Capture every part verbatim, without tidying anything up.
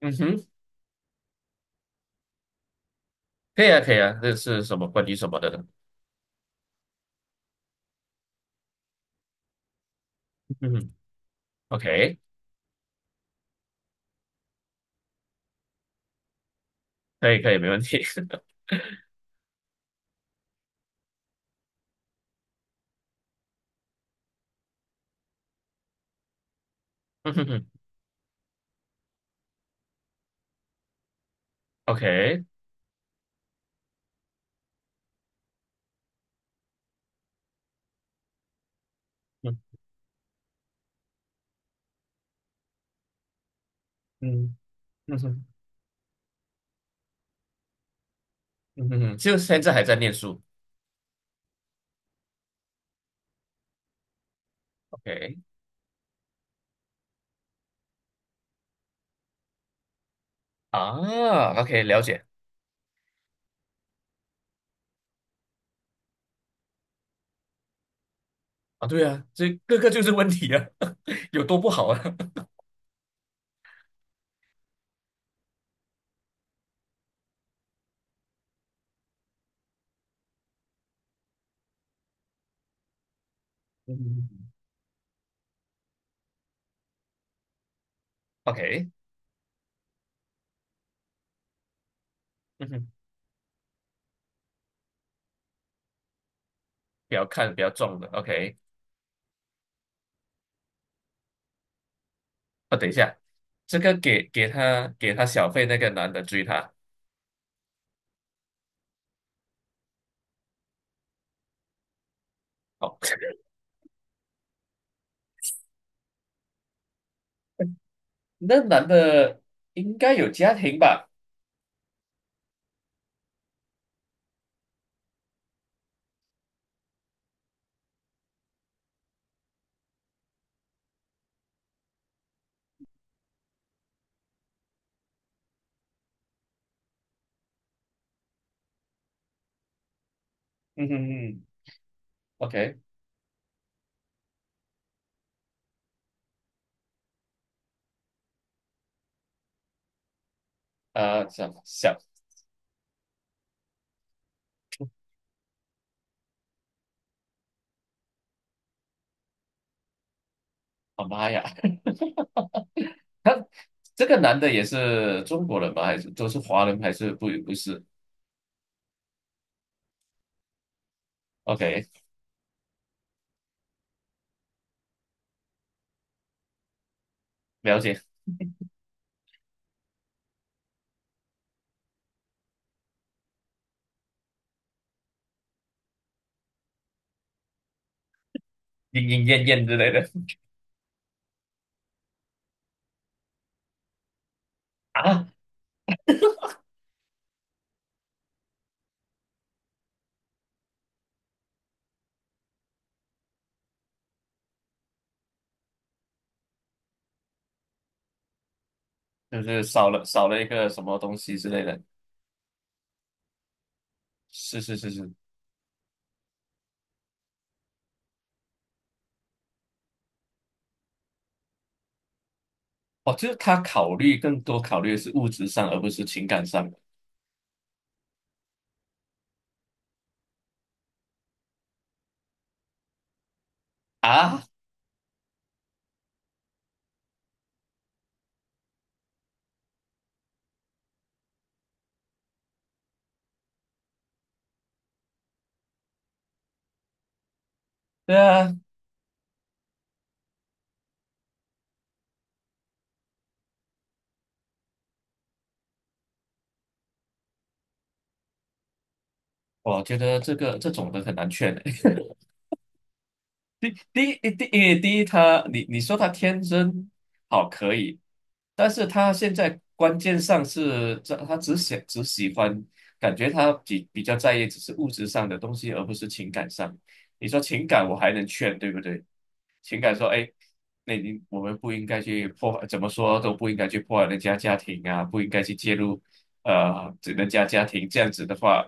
嗯哼，可以啊，可以啊，这是什么关于什么的呢？嗯哼，OK，可以，可以，没问题。嗯哼哼，OK，嗯嗯嗯哼嗯哼哼，就现在还在念书，OK。 啊，OK，了解。啊，对啊，这这个就是问题啊，有多不好啊？嗯哼，OK，嗯哼，不要看不要撞的，OK。啊，等一下，这个给给他给他小费那个男的追他，哦。那男的应该有家庭吧？嗯哼哼，OK。呃，想想，啊妈呀。这个男的也是中国人吧？还是都是华人？还是不不是？OK,了解。莺莺燕燕之类的。 啊，就是少了少了一个什么东西之类的。是是是是。哦，就是他考虑更多考虑的是物质上，而不是情感上的啊。对啊，我觉得这个这种的很难劝的。第第一第因为第一他你你说他天真好可以，但是他现在关键上是这他只想只喜欢，感觉他比比较在意只是物质上的东西，而不是情感上。你说情感我还能劝，对不对？情感说，哎，那你我们不应该去破坏，怎么说都不应该去破坏人家家庭啊，不应该去介入，呃，这人家家庭这样子的话，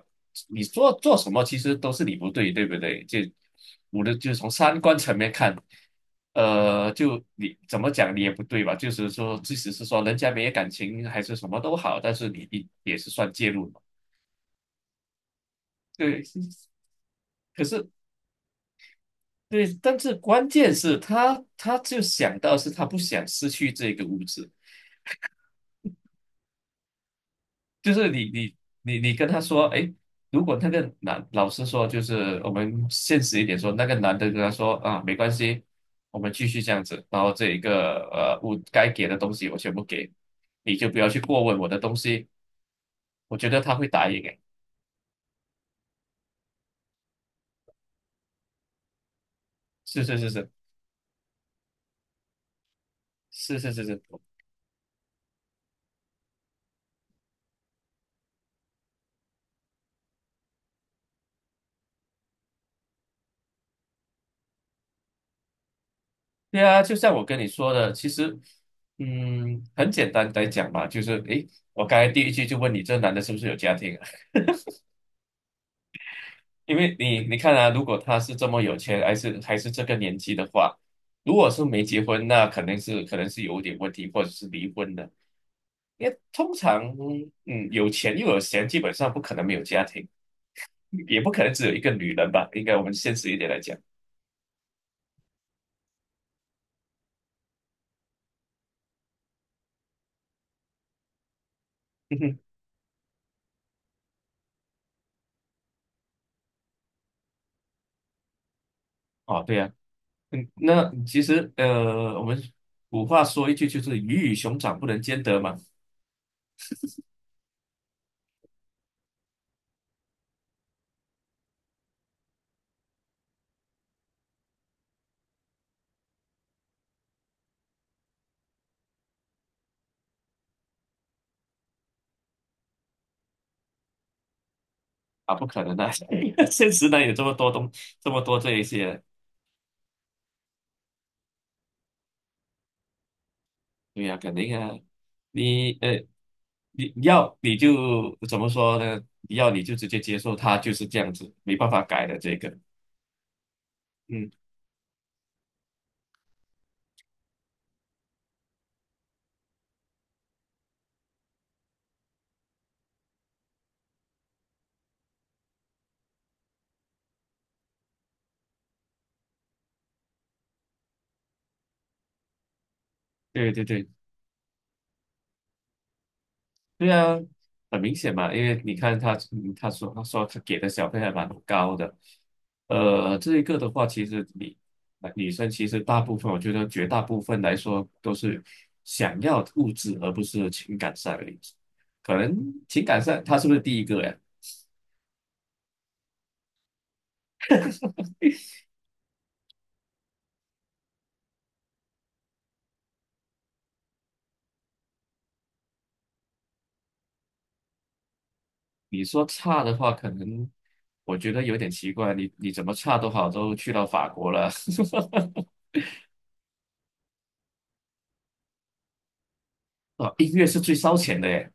你做做什么其实都是你不对，对不对？就我的就是从三观层面看，呃，就你怎么讲你也不对吧？就是说，即使是说人家没有感情还是什么都好，但是你你也是算介入嘛，对。可是对，但是关键是他，他就想到是他不想失去这个物质，就是你你你你跟他说，哎，如果那个男老师说，就是我们现实一点说，那个男的跟他说啊，没关系，我们继续这样子，然后这一个呃，我该给的东西我全部给，你就不要去过问我的东西，我觉得他会答应，哎，是是是是是是是是，对啊，就像我跟你说的，其实嗯，很简单来讲嘛，就是哎诶我刚才第一句就问你，这男的是不是有家庭啊？因为你你看啊，如果他是这么有钱，还是还是这个年纪的话，如果是没结婚，那肯定是可能是有点问题，或者是离婚的。因为通常，嗯，有钱又有闲，基本上不可能没有家庭，也不可能只有一个女人吧？应该我们现实一点来讲。嗯哼，哦，对呀、嗯，那其实呃，我们古话说一句就是鱼与熊掌不能兼得嘛。啊，不可能的、现实呢有这么多东，这么多这一些对呀、肯定啊，你呃，你要你就怎么说呢？你要你就直接接受他就是这样子，没办法改的这个。嗯，对对对，对啊，很明显嘛，因为你看他，嗯他说他说他给的小费还蛮高的，呃，这一个的话，其实你呃女生其实大部分，我觉得绝大部分来说都是想要物质而不是情感上的，可能情感上他是不是第一个呀？你说差的话，可能我觉得有点奇怪。你你怎么差都好，都去到法国了。啊，音乐是最烧钱的耶。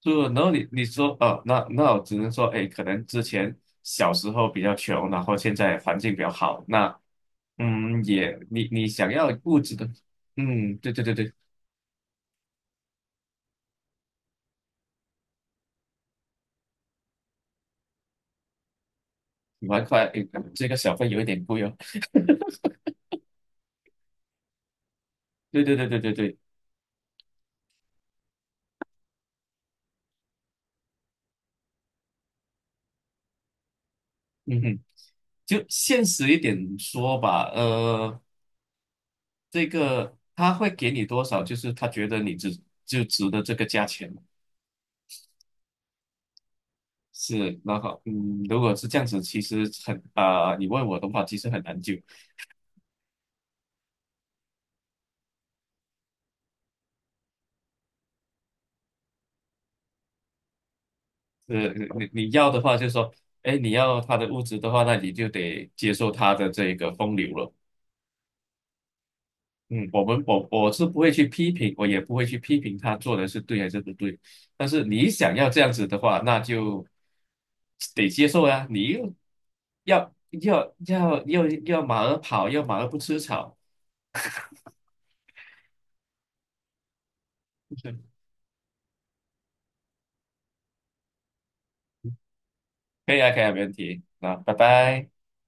就然后你你说哦，那那我只能说，哎，可能之前小时候比较穷，然后现在环境比较好。那嗯，也你你想要物质的，嗯，对对对对，你蛮快，诶这个小费有一点贵哦。对对对对对对，嗯哼，就现实一点说吧。呃。这个他会给你多少？就是他觉得你值就值得这个价钱是，然后嗯，如果是这样子，其实很啊、你问我的话，其实很难就，是，你你要的话，就是说，哎，你要他的物质的话，那你就得接受他的这个风流了。嗯，我们我我是不会去批评，我也不会去批评他做的是对还是不对。但是你想要这样子的话，那就得接受啊。你又要要要要要马儿跑，要马儿不吃草。可以啊，可以啊，没问题。那拜拜。